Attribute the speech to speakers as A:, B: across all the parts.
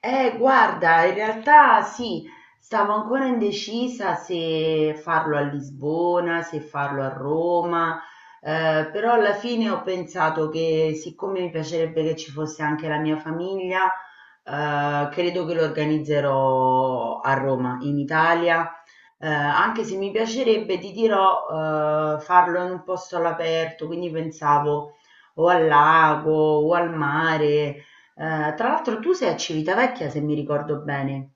A: Guarda, in realtà sì, stavo ancora indecisa se farlo a Lisbona, se farlo a Roma, però alla fine ho pensato che siccome mi piacerebbe che ci fosse anche la mia famiglia, credo che lo organizzerò a Roma, in Italia, anche se mi piacerebbe, ti dirò, farlo in un posto all'aperto, quindi pensavo o al lago o al mare. Tra l'altro tu sei a Civitavecchia, se mi ricordo bene.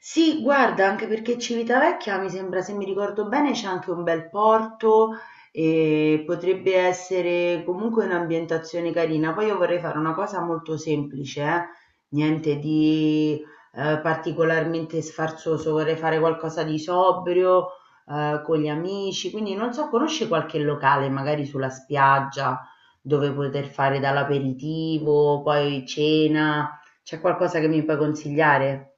A: Sì, guarda, anche perché Civitavecchia mi sembra, se mi ricordo bene, c'è anche un bel porto e potrebbe essere comunque un'ambientazione carina. Poi io vorrei fare una cosa molto semplice, niente di particolarmente sfarzoso, vorrei fare qualcosa di sobrio, con gli amici, quindi non so, conosci qualche locale, magari sulla spiaggia, dove poter fare dall'aperitivo, poi cena, c'è qualcosa che mi puoi consigliare?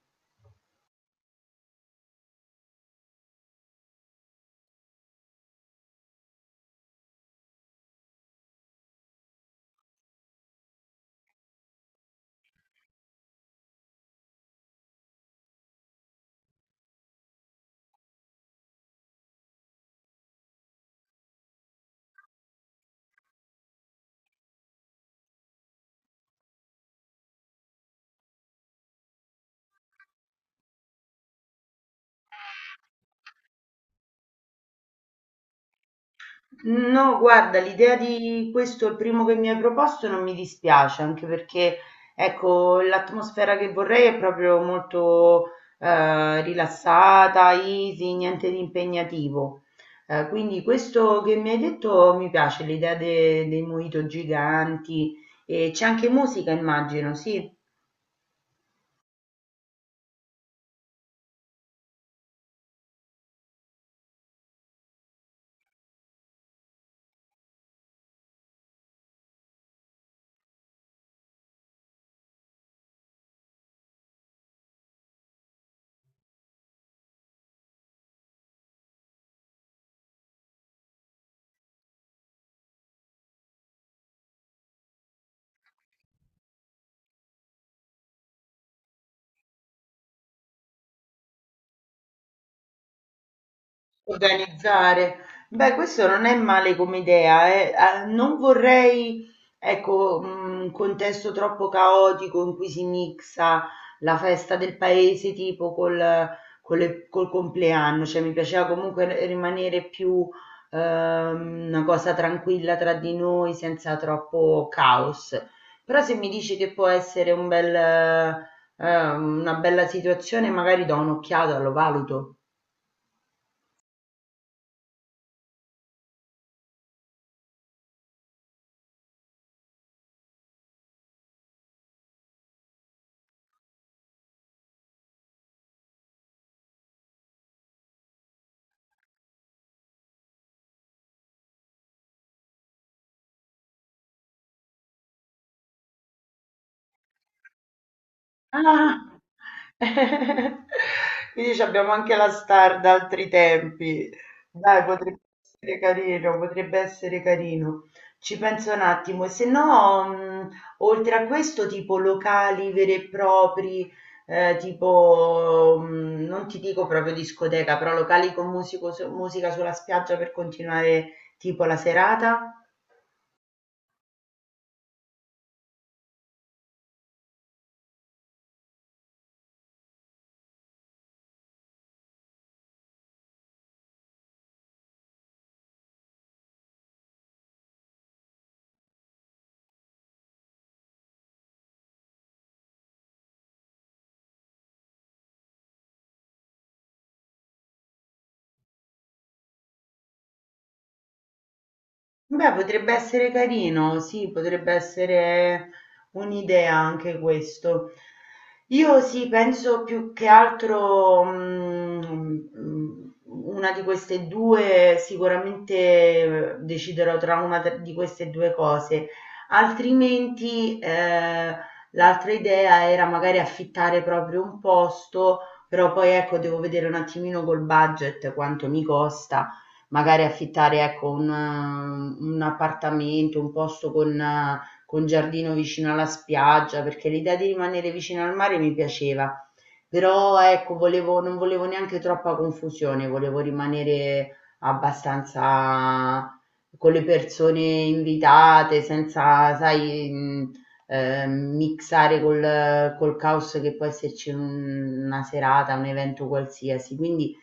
A: No, guarda, l'idea di questo, il primo che mi hai proposto, non mi dispiace, anche perché, ecco, l'atmosfera che vorrei è proprio molto rilassata, easy, niente di impegnativo. Quindi questo che mi hai detto mi piace, l'idea dei mojito giganti e c'è anche musica, immagino, sì. Organizzare. Beh, questo non è male come idea, eh. Ah, non vorrei, ecco, un contesto troppo caotico in cui si mixa la festa del paese tipo col compleanno, cioè mi piaceva comunque rimanere più una cosa tranquilla tra di noi senza troppo caos. Però se mi dici che può essere una bella situazione, magari do un'occhiata, lo valuto. Ah! Quindi c'abbiamo anche la star da altri tempi. Dai, potrebbe essere carino, potrebbe essere carino. Ci penso un attimo. E se no, oltre a questo, tipo locali veri e propri, tipo, non ti dico proprio discoteca, però locali con musica sulla spiaggia per continuare tipo la serata. Beh, potrebbe essere carino, sì, potrebbe essere un'idea anche questo. Io sì, penso più che altro una di queste due, sicuramente deciderò tra di queste due cose, altrimenti l'altra idea era magari affittare proprio un posto, però poi ecco, devo vedere un attimino col budget quanto mi costa magari affittare ecco un appartamento, un posto con giardino vicino alla spiaggia, perché l'idea di rimanere vicino al mare mi piaceva. Però ecco, non volevo neanche troppa confusione, volevo rimanere abbastanza con le persone invitate, senza, sai, mixare col caos che può esserci in una serata, un evento qualsiasi. Quindi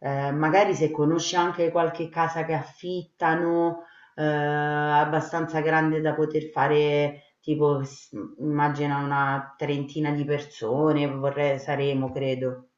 A: magari se conosci anche qualche casa che affittano, abbastanza grande da poter fare, tipo, immagina una trentina di persone, vorrei, saremo, credo.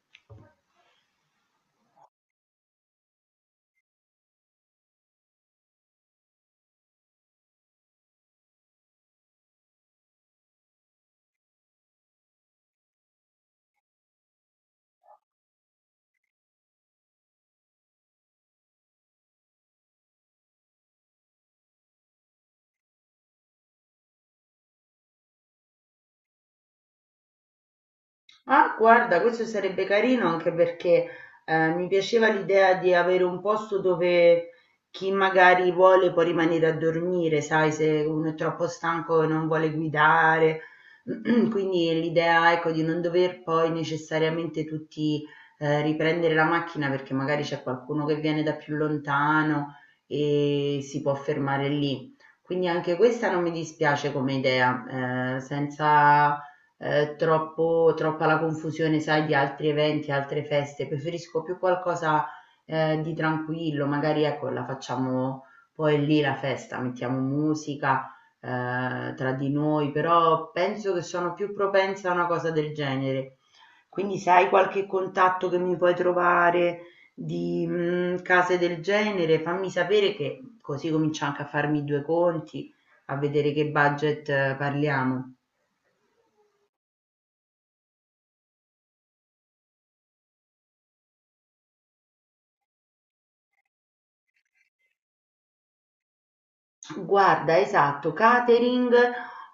A: Ah, guarda, questo sarebbe carino anche perché mi piaceva l'idea di avere un posto dove chi magari vuole può rimanere a dormire, sai, se uno è troppo stanco e non vuole guidare. Quindi l'idea, ecco, di non dover poi necessariamente tutti riprendere la macchina perché magari c'è qualcuno che viene da più lontano e si può fermare lì. Quindi anche questa non mi dispiace come idea, senza troppa la confusione, sai, di altri eventi, altre feste. Preferisco più qualcosa di tranquillo, magari ecco, la facciamo poi lì la festa, mettiamo musica tra di noi, però penso che sono più propensa a una cosa del genere. Quindi se hai qualche contatto che mi puoi trovare di case del genere, fammi sapere che così comincio anche a farmi due conti, a vedere che budget parliamo. Guarda, esatto, catering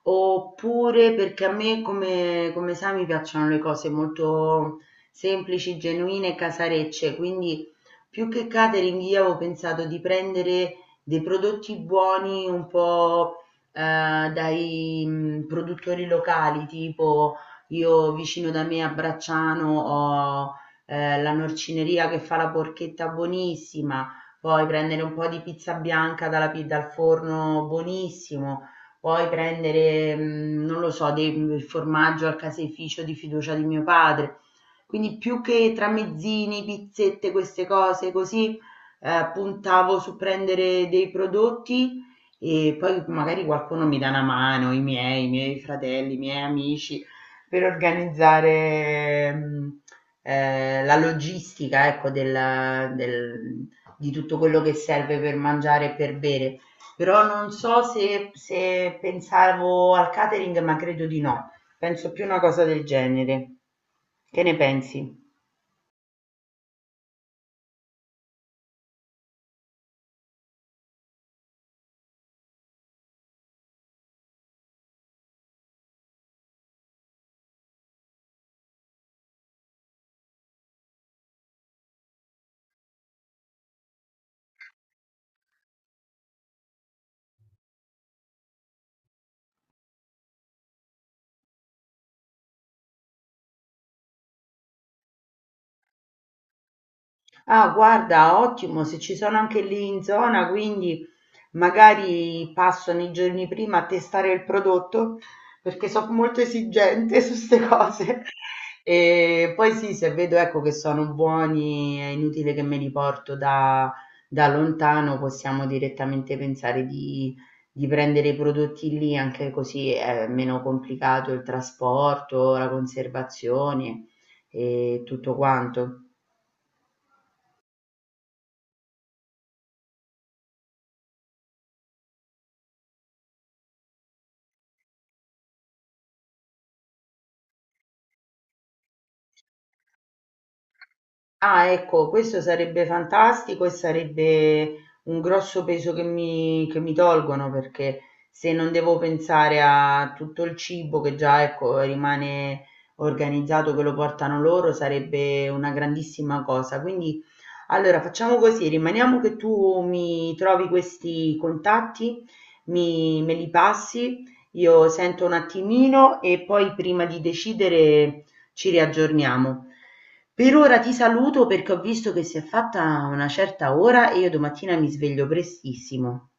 A: oppure perché a me come sai mi piacciono le cose molto semplici, genuine e casarecce, quindi più che catering io avevo pensato di prendere dei prodotti buoni un po' dai produttori locali, tipo io vicino da me a Bracciano ho la norcineria che fa la porchetta buonissima. Puoi prendere un po' di pizza bianca dal forno, buonissimo. Puoi prendere, non lo so, il formaggio al caseificio di fiducia di mio padre. Quindi più che tramezzini, pizzette, queste cose così, puntavo su prendere dei prodotti e poi magari qualcuno mi dà una mano, i miei fratelli, i miei amici per organizzare la logistica, ecco, di tutto quello che serve per mangiare e per bere. Però non so se pensavo al catering, ma credo di no. Penso più una cosa del genere. Che ne pensi? Ah, guarda, ottimo, se ci sono anche lì in zona, quindi magari passo nei giorni prima a testare il prodotto perché sono molto esigente su queste cose. E poi sì, se vedo ecco che sono buoni, è inutile che me li porto da lontano, possiamo direttamente pensare di prendere i prodotti lì, anche così è meno complicato il trasporto, la conservazione e tutto quanto. Ah, ecco, questo sarebbe fantastico e sarebbe un grosso peso che mi tolgono perché se non devo pensare a tutto il cibo che già, ecco, rimane organizzato, che lo portano loro, sarebbe una grandissima cosa. Quindi allora facciamo così, rimaniamo che tu mi trovi questi contatti, me li passi, io sento un attimino e poi prima di decidere ci riaggiorniamo. Per ora ti saluto perché ho visto che si è fatta una certa ora e io domattina mi sveglio prestissimo.